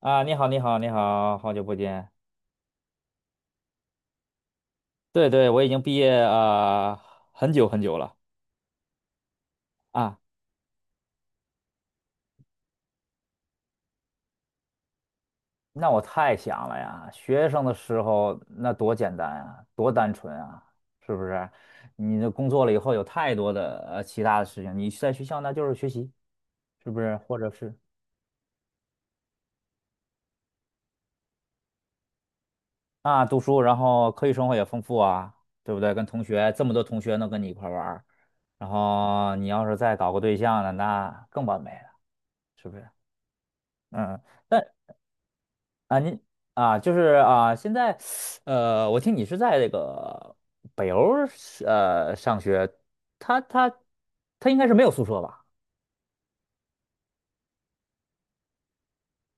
啊，你好，你好，你好，好久不见。对对，我已经毕业啊、很久很久了啊。那我太想了呀，学生的时候那多简单啊，多单纯啊，是不是？你的工作了以后有太多的其他的事情，你在学校那就是学习，是不是？或者是啊读书，然后课余生活也丰富啊，对不对？跟同学这么多同学能跟你一块儿玩儿。然后你要是再搞个对象了，那更完美了，是不是？嗯。但啊，您啊，就是啊，现在，我听你是在这个北欧儿上学，他他他应该是没有宿舍吧？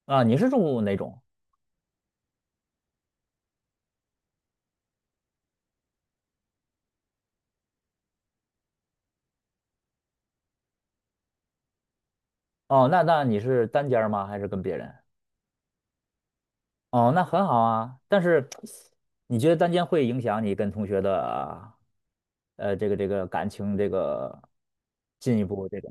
啊，你是住哪种？哦，那你是单间儿吗？还是跟别人？哦，那很好啊。但是你觉得单间会影响你跟同学的这个感情这个进一步这个？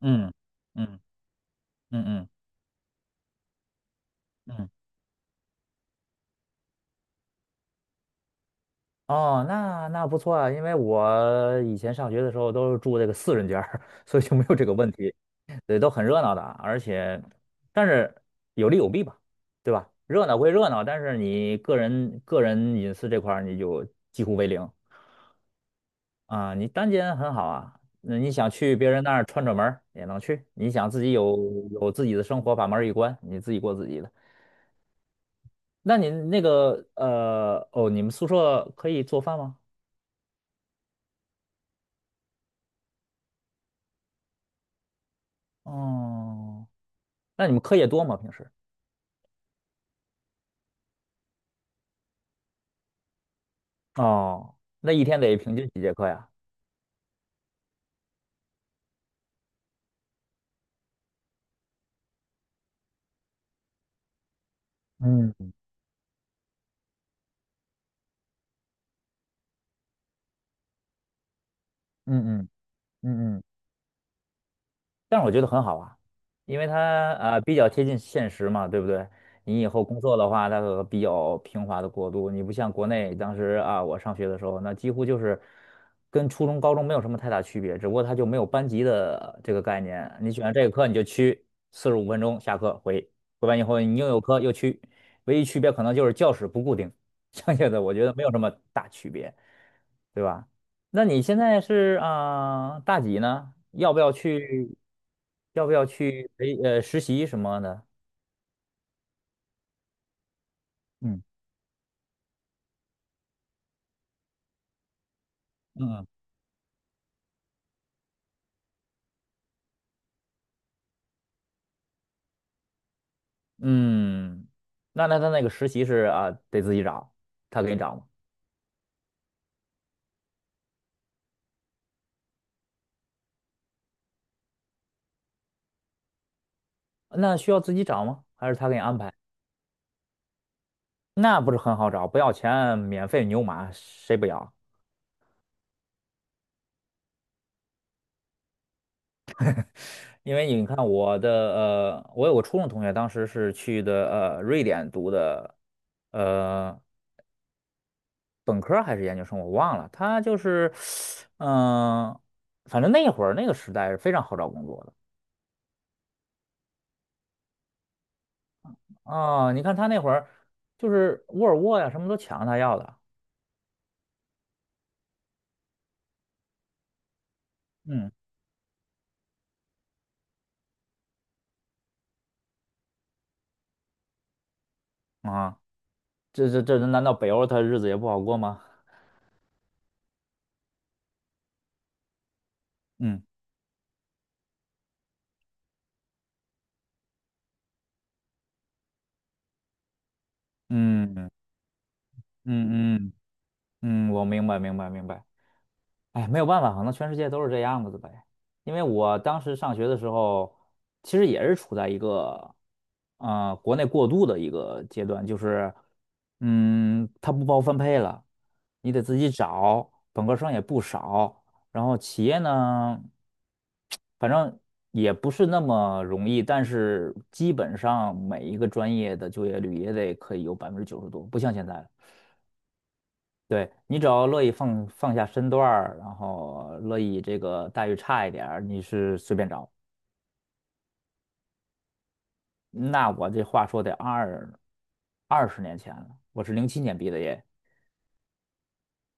嗯嗯嗯嗯嗯嗯。嗯哦，那那不错啊，因为我以前上学的时候都是住这个四人间儿，所以就没有这个问题。对，都很热闹的啊，而且，但是有利有弊吧，对吧？热闹归热闹，但是你个人隐私这块儿你就几乎为零啊。你单间很好啊，那你想去别人那儿串串门儿也能去，你想自己有自己的生活，把门儿一关，你自己过自己的。那你那个哦，你们宿舍可以做饭吗？哦。那你们课业多吗？平时？哦，那一天得平均几节课呀？嗯嗯嗯嗯嗯，但是我觉得很好啊，因为它比较贴近现实嘛，对不对？你以后工作的话，它和比较平滑的过渡，你不像国内当时啊，我上学的时候，那几乎就是跟初中、高中没有什么太大区别，只不过它就没有班级的这个概念。你选这个课你就去45分钟下课回，回完以后你又有课又去，唯一区别可能就是教室不固定，剩下的我觉得没有什么大区别。对吧？那你现在是啊、大几呢？要不要去？要不要去实习什么的？嗯嗯嗯，那他那个实习是啊、得自己找，他给你找吗？那需要自己找吗？还是他给你安排？那不是很好找，不要钱，免费牛马，谁不要？因为你看我有个初中同学，当时是去的瑞典读的呃本科儿还是研究生，我忘了。他就是，嗯、反正那会儿那个时代是非常好找工作的。啊、你看他那会儿就是沃尔沃呀，什么都抢着他要的。嗯。啊，这难道北欧他日子也不好过吗？嗯嗯嗯嗯嗯，我明白明白明白。哎，没有办法，可能全世界都是这样子的呗。因为我当时上学的时候，其实也是处在一个，国内过渡的一个阶段，就是，它不包分配了，你得自己找，本科生也不少，然后企业呢，反正也不是那么容易，但是基本上每一个专业的就业率也得可以有90%多，不像现在了。对，你只要乐意放下身段儿，然后乐意这个待遇差一点儿，你是随便找。那我这话说得20年前了，我是07年毕的业，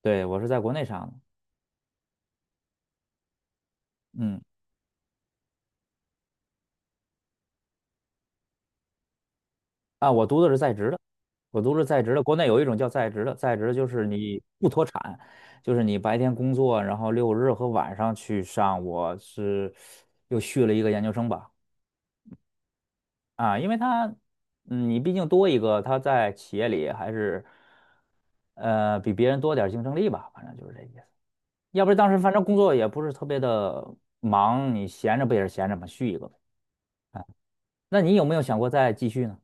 对，我是在国内上的，嗯，啊，我读的是在职的，我读的是在职的，国内有一种叫在职的，在职就是你不脱产，就是你白天工作，然后六日和晚上去上，我是又续了一个研究生吧。啊，因为他，你毕竟多一个，他在企业里还是，比别人多点儿竞争力吧，反正就是这意思。要不然当时反正工作也不是特别的忙，你闲着不也是闲着嘛，续一个呗。那你有没有想过再继续呢？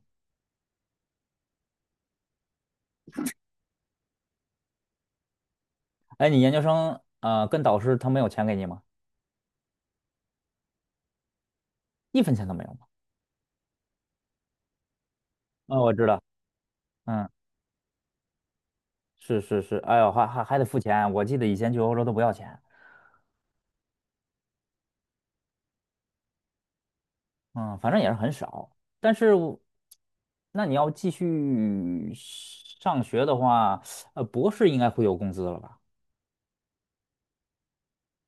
哎，你研究生，跟导师他没有钱给你吗？一分钱都没有吗？啊、我知道，嗯，是是是，哎呦，还得付钱，我记得以前去欧洲都不要钱。嗯，反正也是很少。但是我那你要继续上学的话，博士应该会有工资了吧？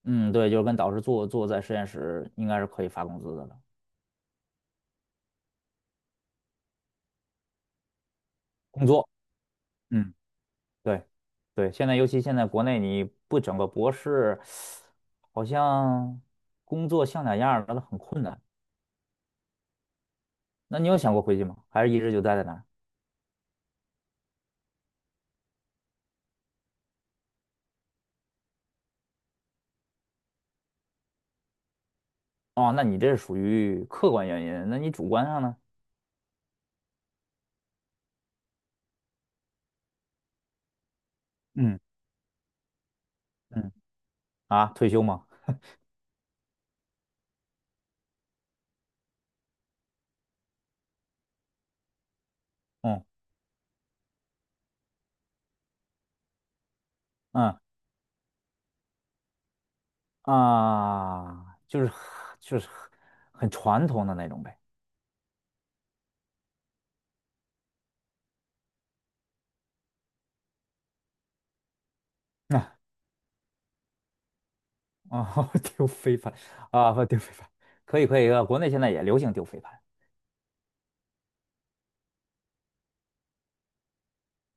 嗯，对，就是跟导师做在实验室，应该是可以发工资的了。工作，嗯，对，对，尤其现在国内你不整个博士，好像工作像点样儿的很困难。那你有想过回去吗？还是一直就待在那儿？哦，那你这是属于客观原因，那你主观上呢？嗯嗯，啊，退休吗？嗯。嗯啊，就是很传统的那种呗。啊啊，丢飞盘啊，不丢飞盘，可以可以，国内现在也流行丢飞盘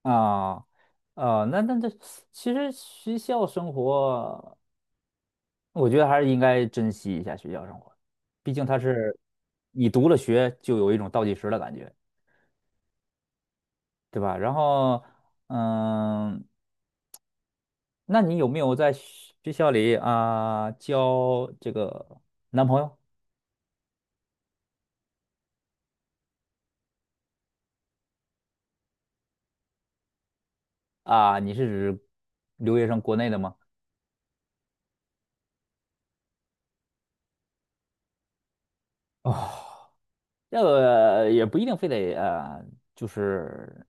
啊。啊。这其实学校生活，我觉得还是应该珍惜一下学校生活，毕竟它是你读了学就有一种倒计时的感觉，对吧？然后，嗯，那你有没有在学校里啊、交这个男朋友？啊，你是指留学生国内的吗？哦，这个也不一定非得，就是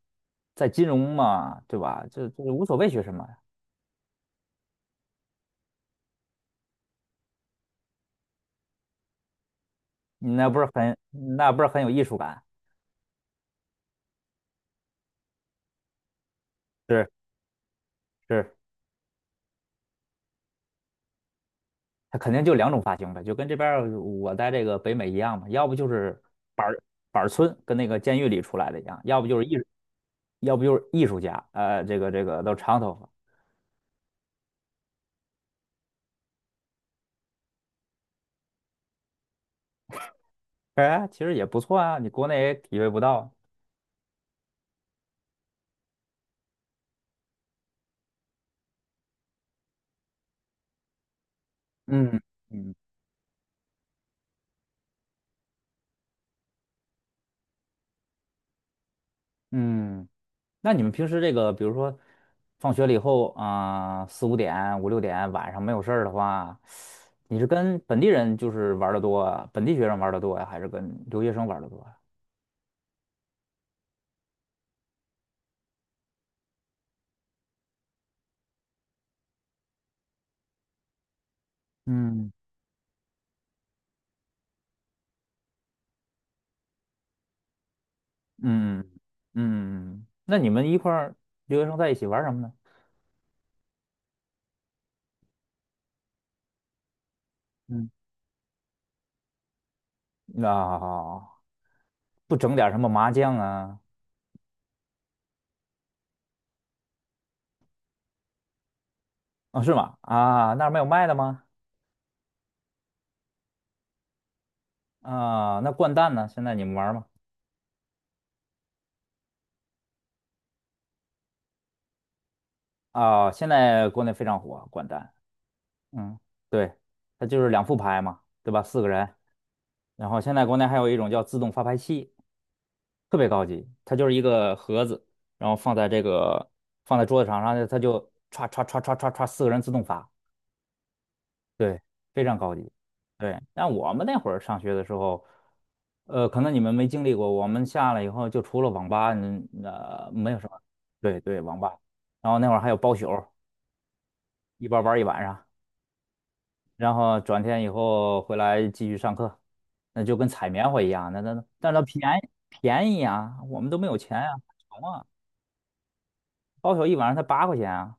在金融嘛，对吧？这无所谓学什么，那不是很那不是很有艺术感？是是，他肯定就两种发型呗，就跟这边儿我在这个北美一样嘛，要不就是板儿板儿村跟那个监狱里出来的一样，要不就是艺术，要不就是艺术家，这个都长头发，哎，其实也不错啊，你国内也体会不到。嗯嗯嗯。那你们平时这个，比如说放学了以后啊，4、5点、5、6点晚上没有事儿的话，你是跟本地人就是玩的多啊，本地学生玩的多呀，还是跟留学生玩的多呀？嗯嗯嗯嗯，那你们一块儿留学生在一起玩什么呢？嗯，那不整点什么麻将啊？啊，是吗？啊，那儿没有卖的吗？啊，那掼蛋呢？现在你们玩吗？啊，现在国内非常火，掼蛋。嗯，对，它就是两副牌嘛，对吧？四个人。然后现在国内还有一种叫自动发牌器，特别高级，它就是一个盒子，然后放在桌子上，然后它就歘歘歘歘歘歘，四个人自动发，对，非常高级。对，但我们那会儿上学的时候，可能你们没经历过，我们下来以后就除了网吧，没有什么。对对，网吧。然后那会儿还有包宿，一包玩儿一晚上。然后转天以后回来继续上课，那就跟采棉花一样，那但是它便宜便宜啊，我们都没有钱啊，穷啊，包宿一晚上才8块钱啊，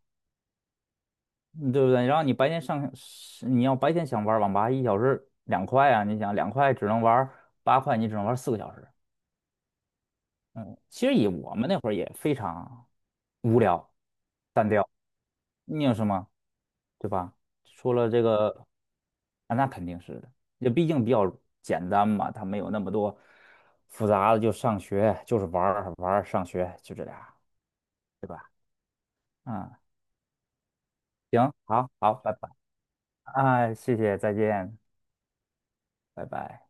嗯对不对？然后你白天上，是你要白天想玩网吧，1小时两块啊，你想两块只能玩八块，你只能玩4个小时，嗯，其实以我们那会儿也非常无聊、单调，你有什么，对吧？除了这个，啊，那肯定是的，也毕竟比较简单嘛，它没有那么多复杂的，就上学就是玩儿玩儿，上学就这俩，对吧？嗯，行，好，好，拜拜，啊，谢谢，再见，拜拜。